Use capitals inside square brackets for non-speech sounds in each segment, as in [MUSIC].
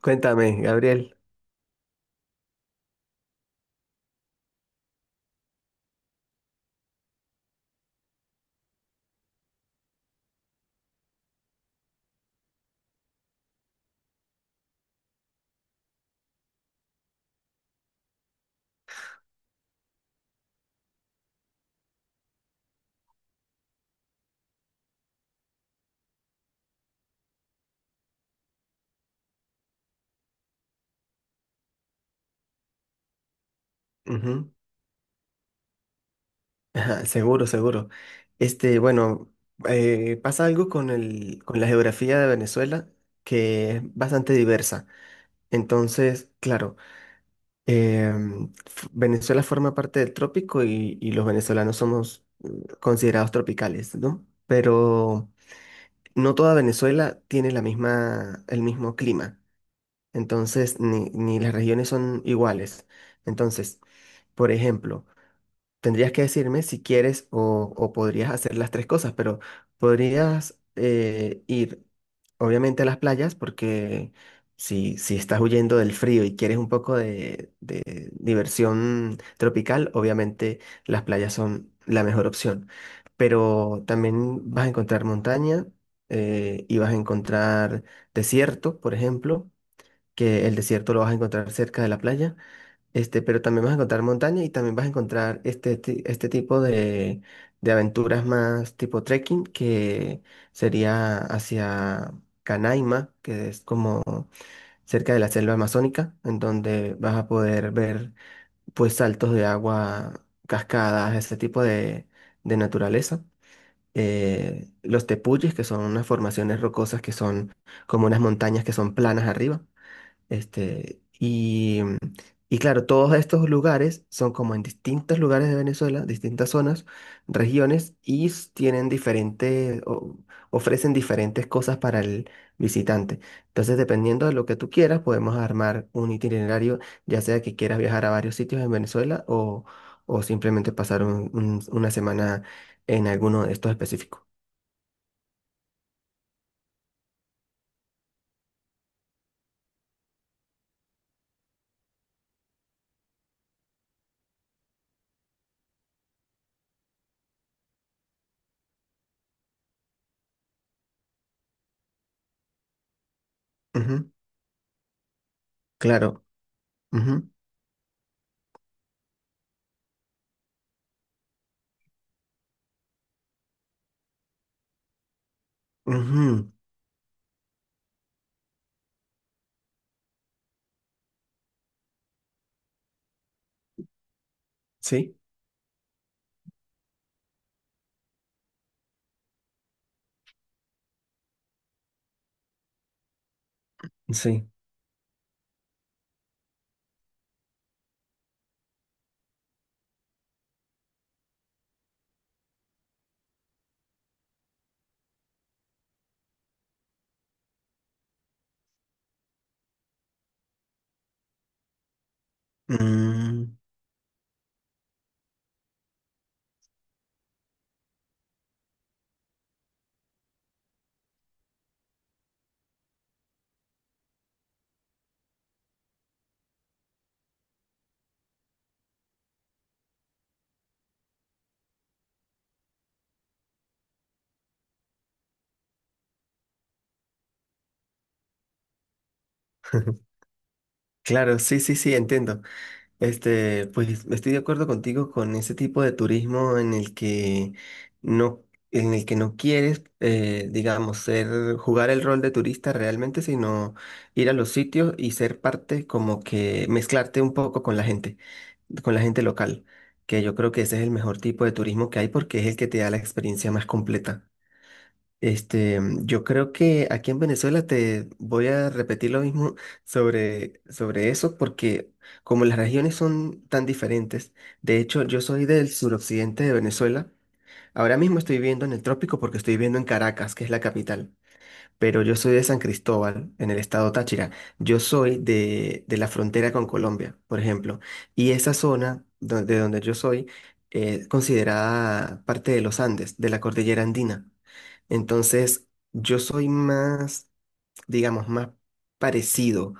Cuéntame, Gabriel. Ujú. Ajá, seguro, seguro. Bueno, pasa algo con con la geografía de Venezuela que es bastante diversa. Entonces, claro, Venezuela forma parte del trópico y los venezolanos somos considerados tropicales, ¿no? Pero no toda Venezuela tiene la misma, el mismo clima. Entonces, ni las regiones son iguales. Entonces, por ejemplo, tendrías que decirme si quieres o podrías hacer las tres cosas, pero podrías ir obviamente a las playas porque si estás huyendo del frío y quieres un poco de diversión tropical, obviamente las playas son la mejor opción. Pero también vas a encontrar montaña y vas a encontrar desierto, por ejemplo, que el desierto lo vas a encontrar cerca de la playa. Pero también vas a encontrar montaña y también vas a encontrar este tipo de aventuras más tipo trekking, que sería hacia Canaima, que es como cerca de la selva amazónica, en donde vas a poder ver pues saltos de agua, cascadas, ese tipo de naturaleza. Los tepuyes, que son unas formaciones rocosas que son como unas montañas que son planas arriba. Este, y, y claro, todos estos lugares son como en distintos lugares de Venezuela, distintas zonas, regiones, y tienen diferentes, ofrecen diferentes cosas para el visitante. Entonces, dependiendo de lo que tú quieras, podemos armar un itinerario, ya sea que quieras viajar a varios sitios en Venezuela o simplemente pasar una semana en alguno de estos específicos. Ujú, claro. Ujú, ujú, sí, sí. Mm. [LAUGHS] Claro, sí, sí, sí, entiendo. Pues estoy de acuerdo contigo con ese tipo de turismo en el que no, en el que no quieres, digamos, ser, jugar el rol de turista realmente, sino ir a los sitios y ser parte, como que mezclarte un poco con la gente local, que yo creo que ese es el mejor tipo de turismo que hay porque es el que te da la experiencia más completa. Yo creo que aquí en Venezuela te voy a repetir lo mismo sobre eso, porque como las regiones son tan diferentes, de hecho yo soy del suroccidente de Venezuela, ahora mismo estoy viviendo en el trópico porque estoy viviendo en Caracas, que es la capital, pero yo soy de San Cristóbal, en el estado Táchira, yo soy de la frontera con Colombia, por ejemplo, y esa zona de donde yo soy es considerada parte de los Andes, de la cordillera andina. Entonces, yo soy más, digamos, más parecido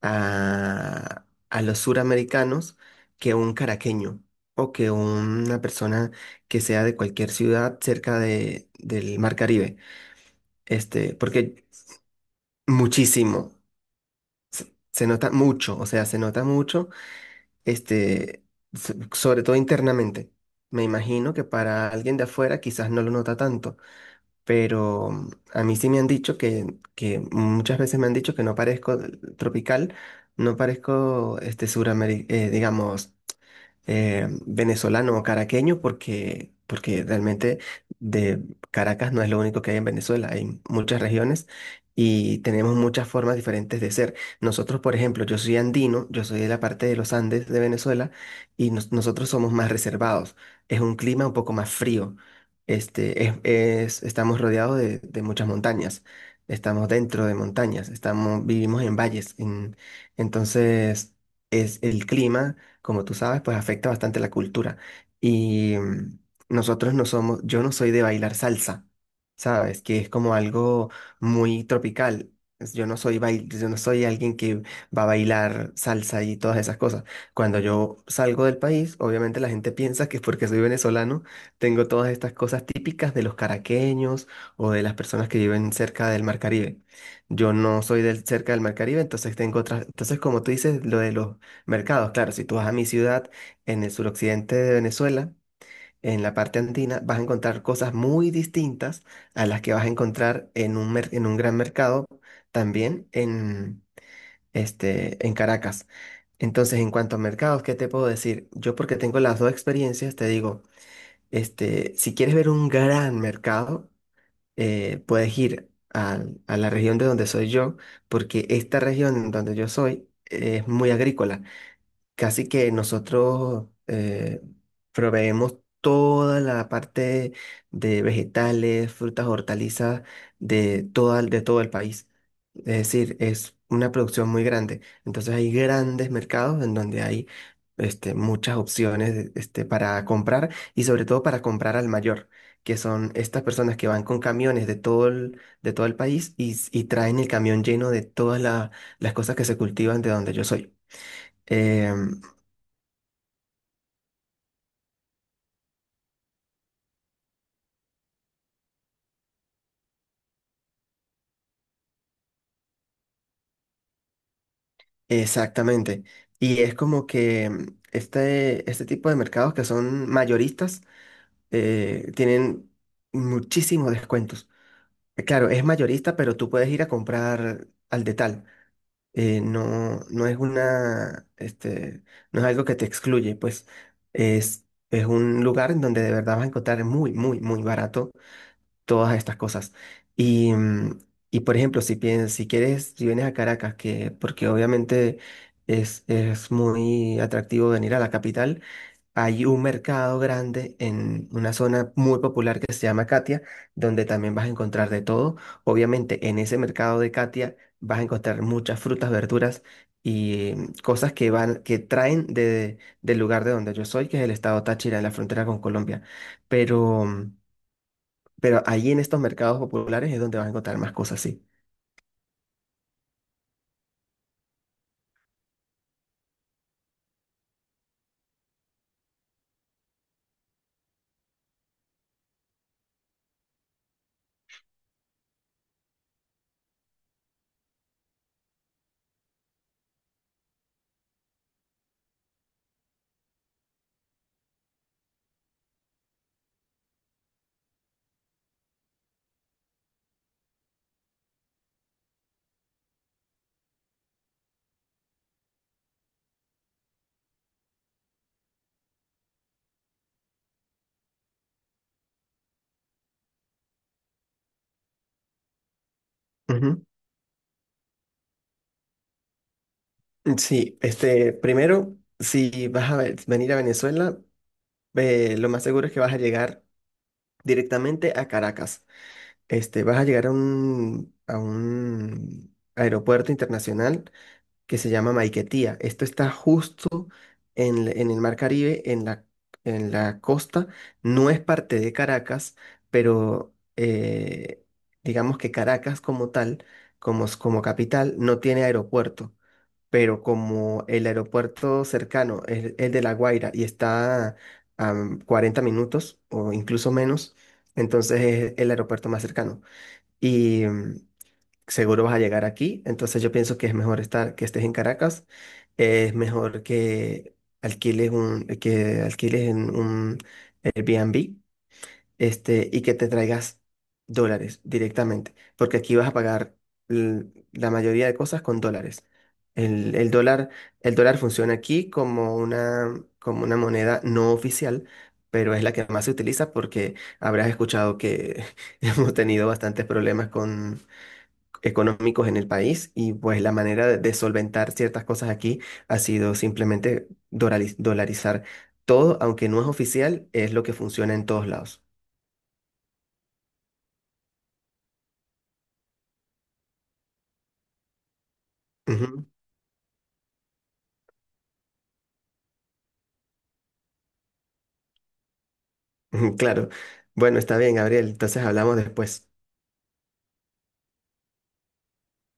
a, a los suramericanos que un caraqueño o que una persona que sea de cualquier ciudad cerca del Mar Caribe. Este, porque muchísimo, se nota mucho, o sea, se nota mucho, este, sobre todo internamente. Me imagino que para alguien de afuera quizás no lo nota tanto pero a mí sí me han dicho que muchas veces me han dicho que no parezco tropical, no parezco este suramericano, digamos venezolano o caraqueño porque realmente de Caracas no es lo único que hay en Venezuela, hay muchas regiones y tenemos muchas formas diferentes de ser. Nosotros, por ejemplo, yo soy andino, yo soy de la parte de los Andes de Venezuela y nosotros somos más reservados, es un clima un poco más frío. Estamos rodeados de muchas montañas, estamos dentro de montañas, estamos, vivimos en valles, entonces es el clima como tú sabes, pues afecta bastante la cultura. Y nosotros no somos, yo no soy de bailar salsa, ¿sabes? Que es como algo muy tropical. Yo no soy bail, yo no soy alguien que va a bailar salsa y todas esas cosas. Cuando yo salgo del país, obviamente la gente piensa que es porque soy venezolano, tengo todas estas cosas típicas de los caraqueños o de las personas que viven cerca del Mar Caribe. Yo no soy cerca del Mar Caribe, entonces tengo otras, entonces como tú dices, lo de los mercados, claro, si tú vas a mi ciudad en el suroccidente de Venezuela, en la parte andina, vas a encontrar cosas muy distintas a las que vas a encontrar en en un gran mercado también en, en Caracas. Entonces, en cuanto a mercados, ¿qué te puedo decir? Yo porque tengo las dos experiencias, te digo, si quieres ver un gran mercado, puedes ir a la región de donde soy yo, porque esta región donde yo soy es muy agrícola. Casi que nosotros proveemos toda la parte de vegetales, frutas, hortalizas de toda, de todo el país. Es decir, es una producción muy grande. Entonces hay grandes mercados en donde hay muchas opciones para comprar y sobre todo para comprar al mayor, que son estas personas que van con camiones de todo el país y, y traen el camión lleno de todas las cosas que se cultivan de donde yo soy. Em, Exactamente. Y es como que este tipo de mercados que son mayoristas tienen muchísimos descuentos. Claro, es mayorista, pero tú puedes ir a comprar al detal. No, no es una, no es algo que te excluye, pues es, es un lugar en donde de verdad vas a encontrar muy, muy, muy barato todas estas cosas. Y, y por ejemplo, si piensas, si quieres, si vienes a Caracas, que, porque obviamente es muy atractivo venir a la capital, hay un mercado grande en una zona muy popular que se llama Catia, donde también vas a encontrar de todo. Obviamente, en ese mercado de Catia vas a encontrar muchas frutas, verduras y cosas que van, que traen de, del lugar de donde yo soy, que es el estado Táchira, en la frontera con Colombia. Pero pero allí en estos mercados populares es donde vas a encontrar más cosas así. Ujú. Sí, primero, si vas a venir a Venezuela, lo más seguro es que vas a llegar directamente a Caracas. Vas a llegar a un aeropuerto internacional que se llama Maiquetía. Esto está justo en el Mar Caribe, en la costa. No es parte de Caracas, pero digamos que Caracas como tal, como, como capital, no tiene aeropuerto. Pero como el aeropuerto cercano es el de La Guaira y está a 40 minutos o incluso menos, entonces es el aeropuerto más cercano seguro vas a llegar aquí, entonces yo pienso que es mejor estar, que estés en Caracas, es mejor que alquiles que alquiles en un Airbnb, y que te traigas dólares directamente, porque aquí vas a pagar l- la mayoría de cosas con dólares. El dólar, el dólar funciona aquí como una moneda no oficial, pero es la que más se utiliza porque habrás escuchado que [LAUGHS] hemos tenido bastantes problemas económicos en el país y pues la manera de solventar ciertas cosas aquí ha sido simplemente dolarizar todo, aunque no es oficial, es lo que funciona en todos lados. Ujú, [LAUGHS] ujú, claro. Bueno, está bien, Gabriel. Entonces hablamos después.